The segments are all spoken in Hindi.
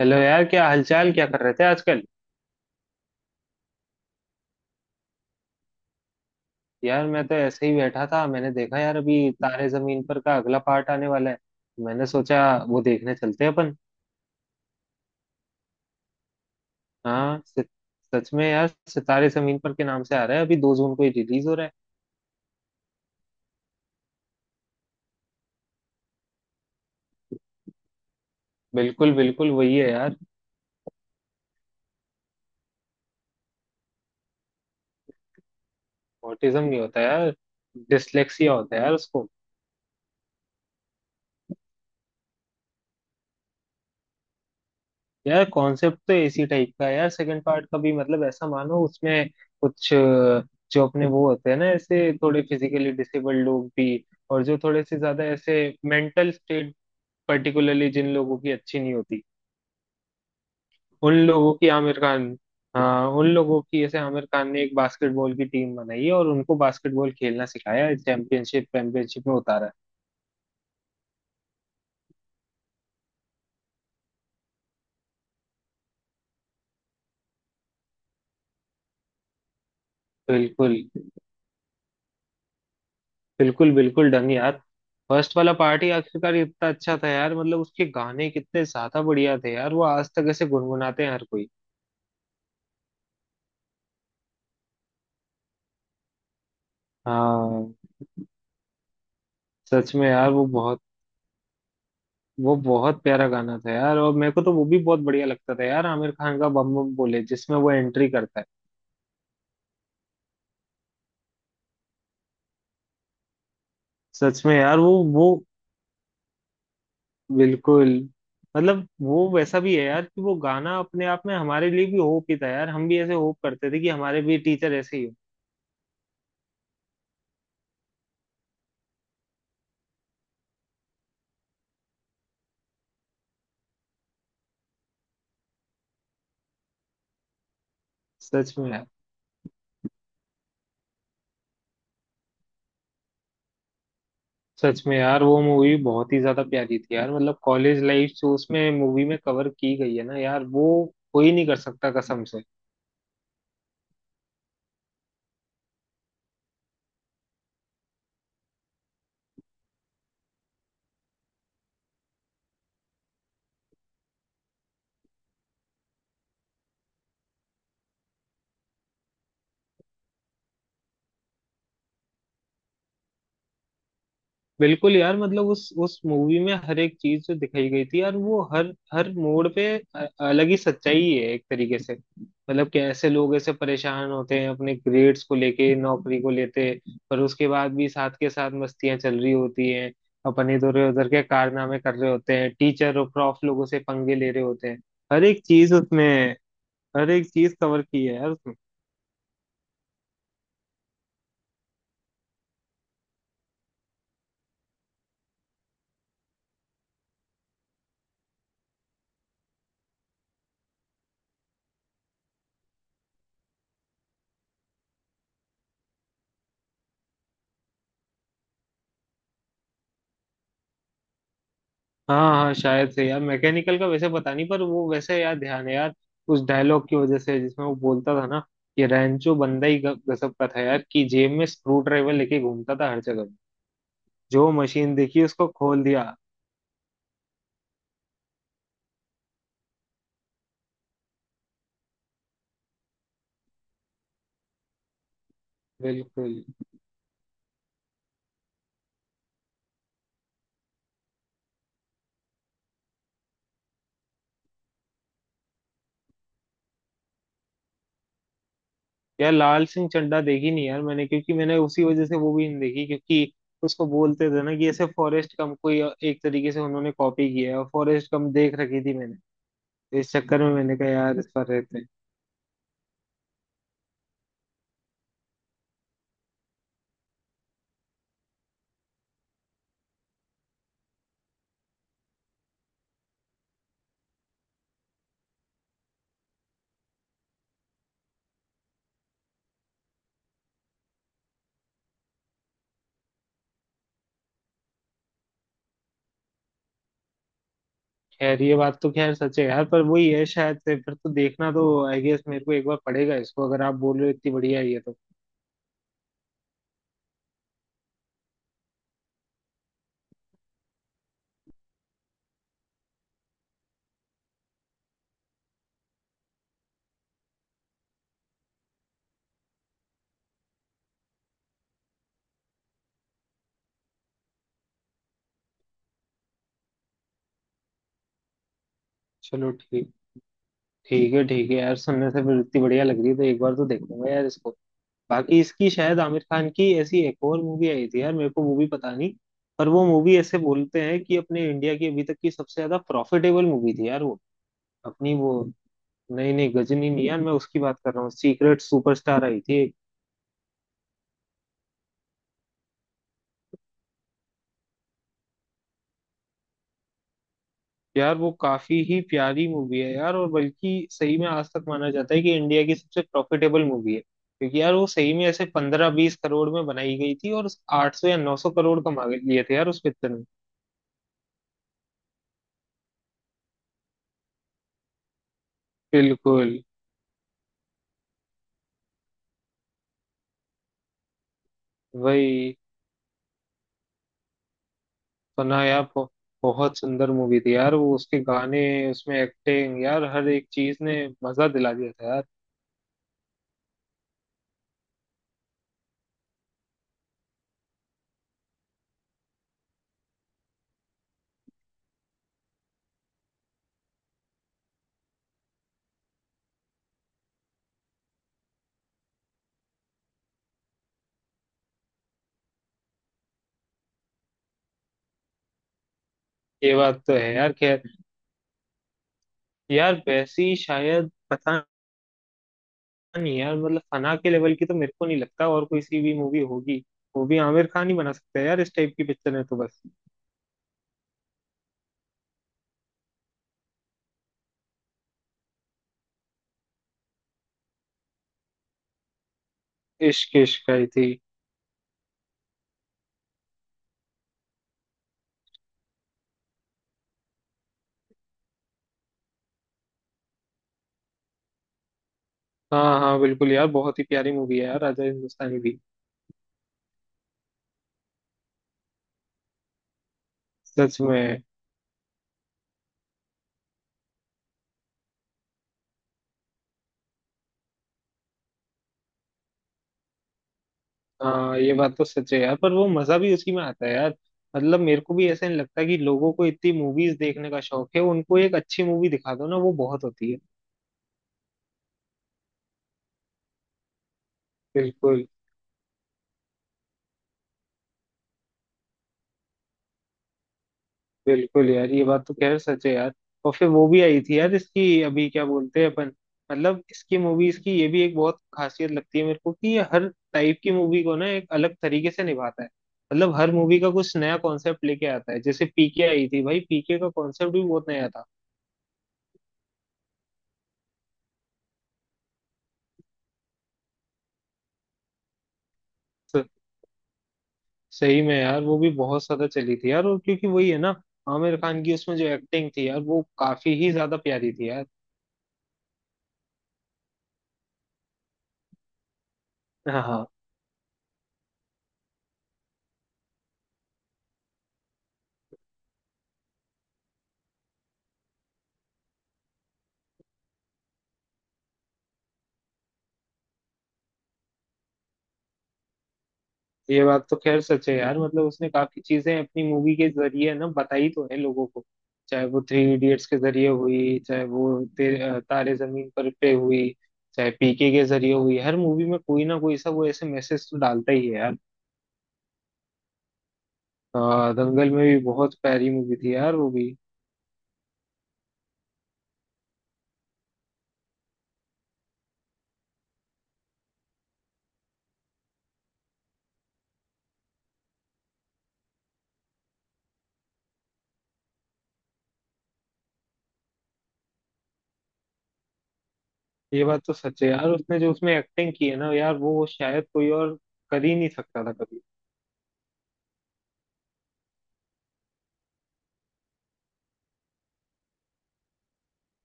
हेलो यार, क्या हालचाल, क्या कर रहे थे आजकल। यार मैं तो ऐसे ही बैठा था, मैंने देखा यार अभी तारे जमीन पर का अगला पार्ट आने वाला है। मैंने सोचा वो देखने चलते हैं अपन। हाँ सच। सच में यार सितारे जमीन पर के नाम से आ रहा है, अभी 2 जून को ही रिलीज हो रहा है। बिल्कुल बिल्कुल वही है यार। ऑटिज्म नहीं होता यार, डिसलेक्सिया होता है यार उसको। यार कॉन्सेप्ट तो एसी टाइप का है यार, सेकंड पार्ट का भी, मतलब ऐसा मानो उसमें कुछ जो अपने वो होते हैं ना, ऐसे थोड़े फिजिकली डिसेबल्ड लोग भी, और जो थोड़े से ज्यादा ऐसे मेंटल स्टेट पर्टिकुलरली जिन लोगों की अच्छी नहीं होती, उन लोगों की आमिर खान। हाँ, उन लोगों की ऐसे आमिर खान ने एक बास्केटबॉल की टीम बनाई है और उनको बास्केटबॉल खेलना सिखाया है, चैंपियनशिप चैंपियनशिप में उतारा है। बिल्कुल। बिल्कुल बिल्कुल डन यार। फर्स्ट वाला पार्ट ही आखिरकार इतना अच्छा था यार, मतलब उसके गाने कितने ज्यादा बढ़िया थे यार, वो आज तक ऐसे गुनगुनाते हैं हर कोई। हाँ। सच में यार वो बहुत प्यारा गाना था यार। और मेरे को तो वो भी बहुत बढ़िया लगता था यार, आमिर खान का बम बम बोले जिसमें वो एंट्री करता है। सच में यार वो बिल्कुल। मतलब वो वैसा भी है यार कि वो गाना अपने आप में हमारे लिए भी होप ही था यार, हम भी ऐसे होप करते थे कि हमारे भी टीचर ऐसे ही हो। सच में यार। सच में यार वो मूवी बहुत ही ज्यादा प्यारी थी यार, मतलब कॉलेज लाइफ जो उसमें मूवी में कवर की गई है ना यार वो कोई नहीं कर सकता कसम से। बिल्कुल यार, मतलब उस मूवी में हर एक चीज जो दिखाई गई थी यार, वो हर हर मोड़ पे अलग ही सच्चाई है एक तरीके से, मतलब कैसे लोग ऐसे परेशान होते हैं अपने ग्रेड्स को लेके, नौकरी को लेते। पर उसके बाद भी साथ के साथ मस्तियां चल रही होती हैं। अपन इधर उधर के कारनामे कर रहे होते हैं, टीचर और प्रॉफ लोगों से पंगे ले रहे होते हैं। हर एक चीज उसमें। अरे एक चीज कवर की है यार उसने। हाँ हाँ शायद से यार, मैकेनिकल का वैसे पता नहीं, पर वो वैसे यार ध्यान है यार उस डायलॉग की वजह से जिसमें वो बोलता था ना, कि रैंचो बंदा ही गजब का था यार, कि जेब में स्क्रू ड्राइवर लेके घूमता था हर जगह, जो मशीन देखी उसको खोल दिया। बिल्कुल। यार लाल सिंह चड्ढा देखी नहीं यार मैंने, क्योंकि मैंने उसी वजह से वो भी नहीं देखी, क्योंकि उसको बोलते थे ना कि ऐसे फॉरेस्ट गम को ही एक तरीके से उन्होंने कॉपी किया है, और फॉरेस्ट गम देख रखी थी मैंने, तो इस चक्कर में मैंने कहा यार इस पर रहते हैं। खैर ये बात तो खैर सच है यार, पर वही है शायद से, फिर तो देखना तो आई गेस मेरे को एक बार पड़ेगा इसको, अगर आप बोल रहे हो इतनी बढ़िया है ये तो। चलो ठीक। ठीक है यार, सुनने से फिर इतनी बढ़िया लग रही है, तो एक बार तो देखूंगा यार इसको। बाकी इसकी शायद आमिर खान की ऐसी एक और मूवी आई थी यार, मेरे को मूवी पता नहीं, पर वो मूवी ऐसे बोलते हैं कि अपने इंडिया की अभी तक की सबसे ज्यादा प्रॉफिटेबल मूवी थी यार वो। अपनी वो, नहीं नहीं गजनी नहीं यार, मैं उसकी बात कर रहा हूँ, सीक्रेट सुपरस्टार आई थी। यार वो काफी ही प्यारी मूवी है यार, और बल्कि सही में आज तक माना जाता है कि इंडिया की सबसे प्रॉफिटेबल मूवी है, क्योंकि यार वो सही में ऐसे 15-20 करोड़ में बनाई गई थी, और 800 या 900 करोड़ कमा लिए थे यार उस पिक्चर में। बिल्कुल। वही तो। ना यार बहुत सुंदर मूवी थी यार वो, उसके गाने, उसमें एक्टिंग यार, हर एक चीज ने मजा दिला दिया था यार। ये बात तो है यार खैर। यार वैसी शायद पता नहीं यार, मतलब फना के लेवल की तो मेरे को नहीं लगता और कोई सी भी मूवी होगी, वो भी आमिर खान ही बना सकता है यार, इस टाइप की पिक्चर है, तो बस। इश्क, इश्क आई थी। हाँ हाँ बिल्कुल यार, बहुत ही प्यारी मूवी है यार राजा हिंदुस्तानी भी। सच में। हाँ ये बात तो सच है यार, पर वो मजा भी उसी में आता है यार, मतलब मेरे को भी ऐसा नहीं लगता कि लोगों को इतनी मूवीज देखने का शौक है, उनको एक अच्छी मूवी दिखा दो ना वो बहुत होती है। बिल्कुल। बिल्कुल यार ये बात तो खैर सच है यार। और फिर वो भी आई थी यार इसकी अभी, क्या बोलते हैं अपन, मतलब इसकी मूवीज की ये भी एक बहुत खासियत लगती है मेरे को, कि ये हर टाइप की मूवी को ना एक अलग तरीके से निभाता है, मतलब हर मूवी का कुछ नया कॉन्सेप्ट लेके आता है, जैसे पीके आई थी भाई, पीके का कॉन्सेप्ट भी बहुत नया था। स- सही में यार वो भी बहुत ज्यादा चली थी यार, और क्योंकि वही है ना, आमिर खान की उसमें जो एक्टिंग थी यार वो काफी ही ज्यादा प्यारी थी यार। हाँ ये बात तो खैर सच है यार, मतलब उसने काफी चीजें अपनी मूवी के जरिए ना बताई तो है लोगों को, चाहे वो थ्री इडियट्स के जरिए हुई, चाहे वो तारे जमीन पर पे हुई, चाहे पीके के जरिए हुई, हर मूवी में कोई ना कोई सा वो ऐसे मैसेज तो डालता ही है यार। दंगल में भी बहुत प्यारी मूवी थी यार वो भी। ये बात तो सच है यार, उसने जो उसमें एक्टिंग की है ना यार, वो शायद कोई और कर ही नहीं सकता था कभी।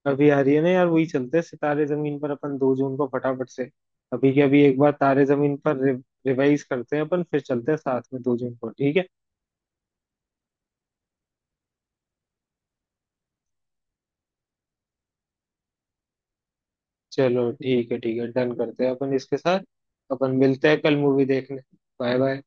अभी आ रही है ना यार वही, चलते हैं सितारे जमीन पर अपन 2 जून को फटाफट से। अभी के अभी एक बार तारे जमीन पर रिवाइज करते हैं अपन, फिर चलते हैं साथ में 2 जून को, ठीक है। चलो ठीक है ठीक है, डन करते हैं अपन इसके साथ। अपन मिलते हैं कल मूवी देखने। Bye bye.